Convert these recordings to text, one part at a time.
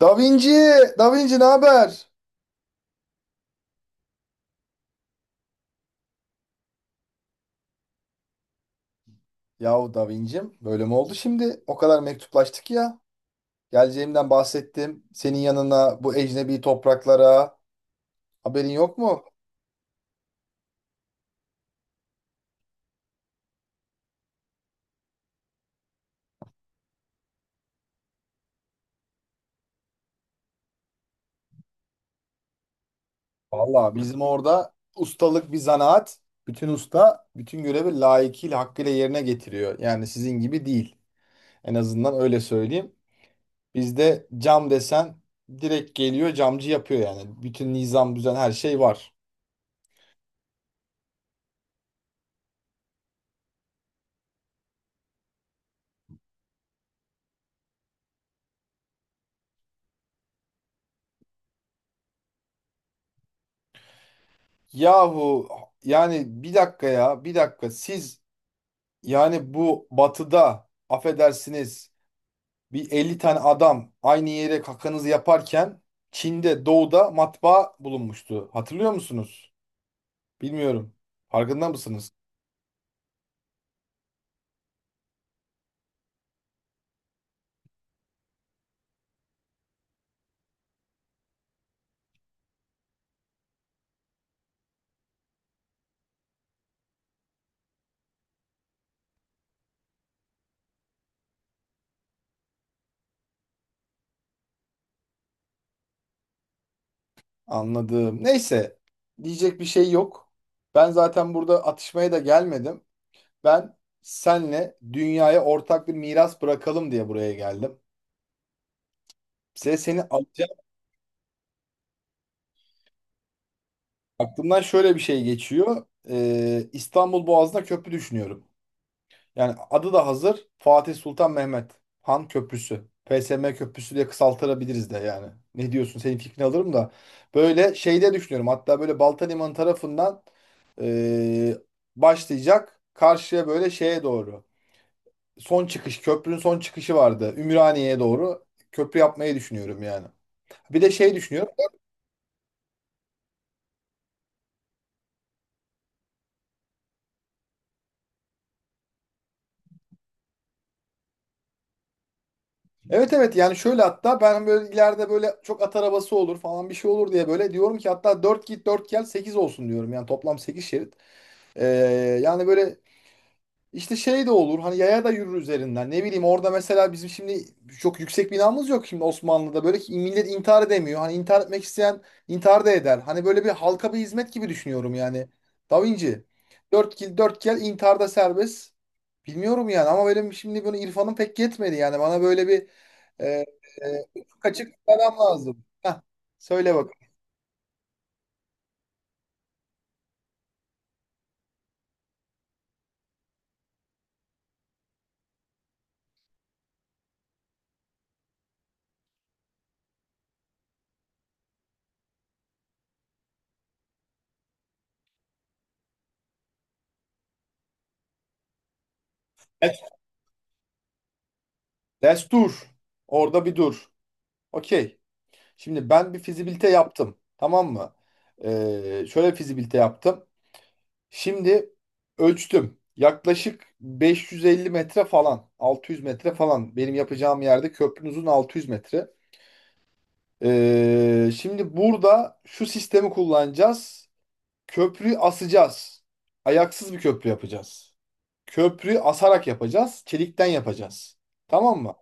Da Vinci, Da Vinci ne haber? Yahu Da Vinci'm böyle mi oldu şimdi? O kadar mektuplaştık ya. Geleceğimden bahsettim. Senin yanına bu ecnebi topraklara, haberin yok mu? Vallahi bizim orada ustalık bir zanaat. Bütün usta bütün görevi layıkıyla hakkıyla yerine getiriyor. Yani sizin gibi değil. En azından öyle söyleyeyim. Bizde cam desen direkt geliyor, camcı yapıyor yani. Bütün nizam düzen her şey var. Yahu yani bir dakika siz, yani bu batıda affedersiniz bir 50 tane adam aynı yere kakanızı yaparken Çin'de, doğuda matbaa bulunmuştu. Hatırlıyor musunuz? Bilmiyorum. Farkında mısınız? Anladım. Neyse, diyecek bir şey yok. Ben zaten burada atışmaya da gelmedim. Ben senle dünyaya ortak bir miras bırakalım diye buraya geldim. Size seni alacağım. Aklımdan şöyle bir şey geçiyor. İstanbul Boğazı'na köprü düşünüyorum. Yani adı da hazır. Fatih Sultan Mehmet Han Köprüsü. PSM Köprüsü diye kısaltırabiliriz de yani. Ne diyorsun? Senin fikrini alırım da. Böyle şeyde düşünüyorum. Hatta böyle Balta Limanı tarafından eee, başlayacak. Karşıya böyle şeye doğru. Son çıkış. Köprünün son çıkışı vardı. Ümraniye'ye doğru köprü yapmayı düşünüyorum yani. Bir de şey düşünüyorum. Evet, evet, yani şöyle, hatta ben böyle ileride böyle çok at arabası olur falan bir şey olur diye böyle diyorum ki hatta 4 git 4 gel 8 olsun diyorum. Yani toplam 8 şerit. Ee, yani böyle işte şey de olur, hani yaya da yürür üzerinden, ne bileyim, orada mesela bizim şimdi çok yüksek binamız yok şimdi Osmanlı'da, böyle ki millet intihar edemiyor, hani intihar etmek isteyen intihar da eder, hani böyle bir halka bir hizmet gibi düşünüyorum yani, Da Vinci, 4 kill 4 gel, intiharda serbest. Bilmiyorum yani, ama benim şimdi bunu irfanım pek yetmedi. Yani bana böyle bir, e, e, ufuk açık bir adam lazım. Heh, söyle bak. Destur, orada bir dur. Okey. Şimdi ben bir fizibilite yaptım. Tamam mı? Şöyle fizibilite yaptım. Şimdi ölçtüm. Yaklaşık 550 metre falan. 600 metre falan. Benim yapacağım yerde köprünün uzun 600 metre. Şimdi burada şu sistemi kullanacağız. Köprüyü asacağız. Ayaksız bir köprü yapacağız. Köprüyü asarak yapacağız. Çelikten yapacağız. Tamam mı?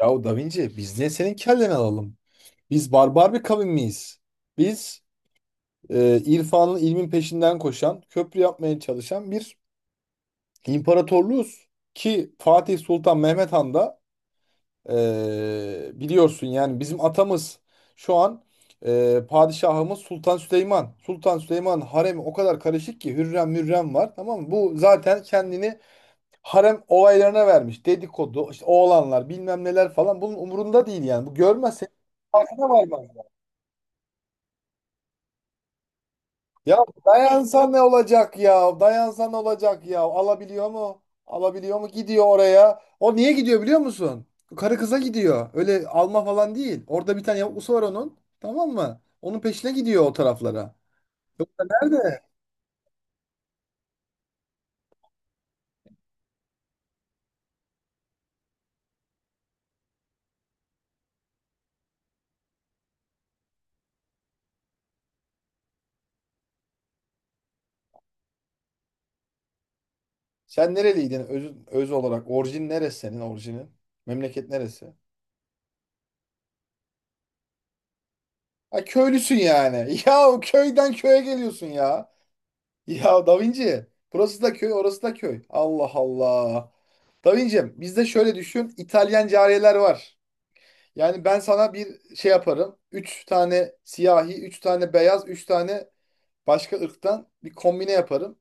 Yahu Da Vinci, biz niye senin kelleni alalım? Biz barbar bir kavim miyiz? Biz irfanın ilmin peşinden koşan, köprü yapmaya çalışan bir imparatorluğuz. Ki Fatih Sultan Mehmet Han da biliyorsun yani bizim atamız. Şu an padişahımız Sultan Süleyman. Sultan Süleyman'ın haremi o kadar karışık ki, Hürrem Mürrem var, tamam mı? Bu zaten kendini harem olaylarına vermiş. Dedikodu, işte oğlanlar bilmem neler falan, bunun umurunda değil yani. Bu görmezse farkına varmaz. Ya dayansa ne olacak ya? Dayansa ne olacak ya? Alabiliyor mu? Alabiliyor mu? Gidiyor oraya. O niye gidiyor biliyor musun? Karı kıza gidiyor. Öyle alma falan değil. Orada bir tane yavuklusu var onun. Tamam mı? Onun peşine gidiyor o taraflara. Nerede? Sen nereliydin öz olarak? Orijin neresi, senin orijinin? Memleket neresi? Ha, köylüsün yani. Ya, o köyden köye geliyorsun ya. Ya Da Vinci. Burası da köy, orası da köy. Allah Allah. Davincim, bizde şöyle düşün, İtalyan cariyeler var. Yani ben sana bir şey yaparım. Üç tane siyahi, üç tane beyaz, üç tane başka ırktan bir kombine yaparım.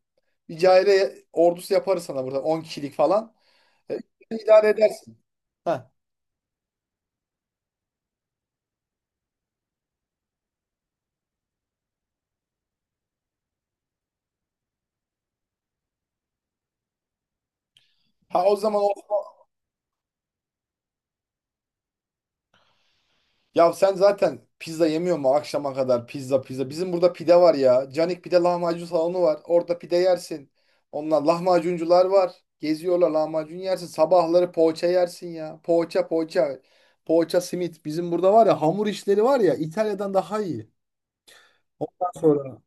Bir cariye ordusu yaparız sana burada 10 kişilik falan. E, idare edersin. Ha. Ha, o zaman o, ya sen zaten pizza yemiyor mu akşama kadar, pizza pizza. Bizim burada pide var ya. Canik pide lahmacun salonu var. Orada pide yersin. Onlar lahmacuncular var. Geziyorlar, lahmacun yersin. Sabahları poğaça yersin ya. Poğaça poğaça. Poğaça simit. Bizim burada var ya, hamur işleri var ya, İtalya'dan daha iyi. Sonra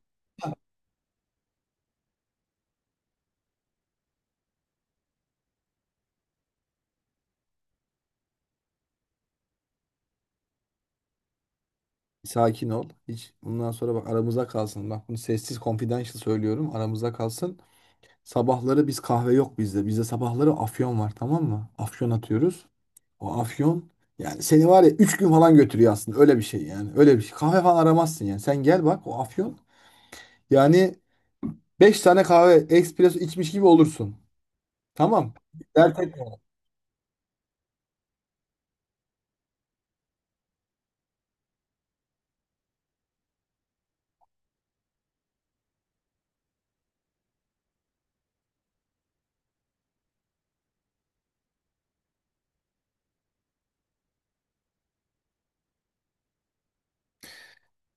sakin ol. Hiç, bundan sonra bak aramıza kalsın. Bak bunu sessiz confidential söylüyorum. Aramıza kalsın. Sabahları biz, kahve yok bizde. Bizde sabahları afyon var, tamam mı? Afyon atıyoruz. O afyon, yani seni var ya 3 gün falan götürüyor aslında, öyle bir şey yani. Öyle bir şey. Kahve falan aramazsın yani. Sen gel bak, o afyon, yani 5 tane kahve espresso içmiş gibi olursun. Tamam. Dert etme.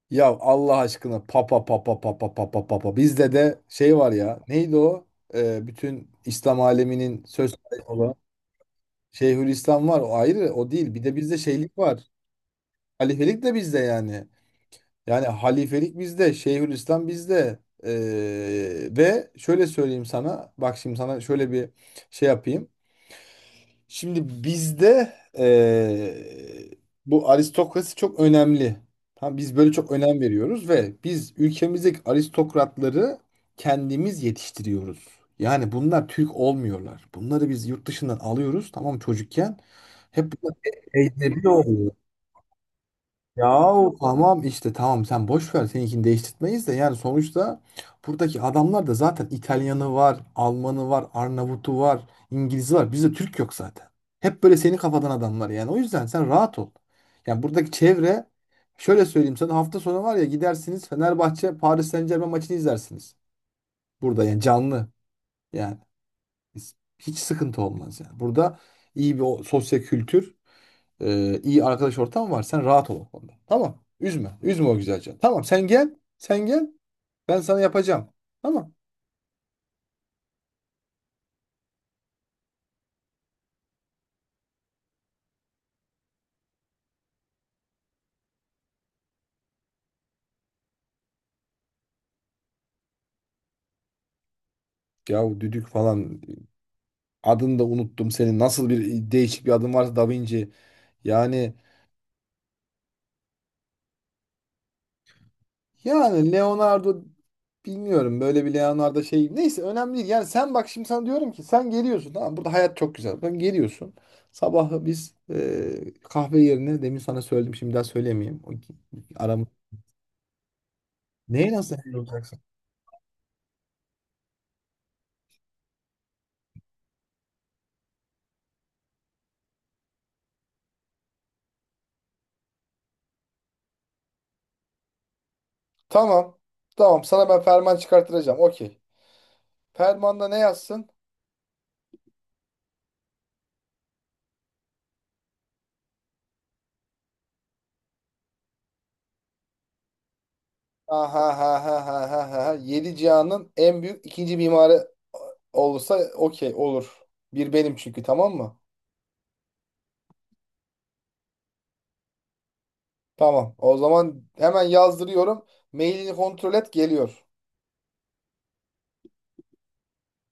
Ya Allah aşkına, papa papa papa papa papa. Bizde de şey var ya, neydi o? Bütün İslam aleminin söz sahibi olan Şeyhülislam var, o ayrı, o değil. Bir de bizde şeylik var. Halifelik de bizde yani. Yani halifelik bizde, Şeyhülislam bizde. Ve şöyle söyleyeyim sana, bak şimdi sana şöyle bir şey yapayım. Şimdi bizde ee, bu aristokrasi çok önemli. Tamam, biz böyle çok önem veriyoruz ve biz ülkemizdeki aristokratları kendimiz yetiştiriyoruz. Yani bunlar Türk olmuyorlar. Bunları biz yurt dışından alıyoruz, tamam mı, çocukken. Hep bunlar ecnebi oluyor. Yahu tamam işte, tamam, sen boş ver, seninkini değiştirtmeyiz de yani. Sonuçta buradaki adamlar da zaten İtalyanı var, Almanı var, Arnavutu var, İngilizi var. Bizde Türk yok zaten. Hep böyle senin kafadan adamlar yani. O yüzden sen rahat ol. Yani buradaki çevre, şöyle söyleyeyim sana, hafta sonu var ya, gidersiniz Fenerbahçe Paris Saint-Germain maçını izlersiniz. Burada yani, canlı yani. Hiç sıkıntı olmaz yani. Burada iyi bir sosyal kültür, iyi arkadaş ortamı var. Sen rahat ol o konuda. Tamam. Üzme. Üzme o güzel canı. Tamam, sen gel. Sen gel. Ben sana yapacağım. Tamam. Yahu düdük falan, adını da unuttum senin. Nasıl bir değişik bir adın varsa Da Vinci. Yani yani Leonardo, bilmiyorum, böyle bir Leonardo şey, neyse, önemli değil. Yani sen bak, şimdi sana diyorum ki sen geliyorsun, tamam, burada hayat çok güzel. Sen geliyorsun. Sabahı biz kahve yerine demin sana söyledim, şimdi daha söylemeyeyim. O- Aramız, neyi nasıl? Tamam. Tamam. Sana ben ferman çıkarttıracağım. Okey. Fermanda ne yazsın? Ha ha ha ha ha ha ha. Ha. Yedi cihanın en büyük ikinci mimarı olursa okey olur. Bir benim çünkü, tamam mı? Tamam. O zaman hemen yazdırıyorum. Mailini kontrol et, geliyor.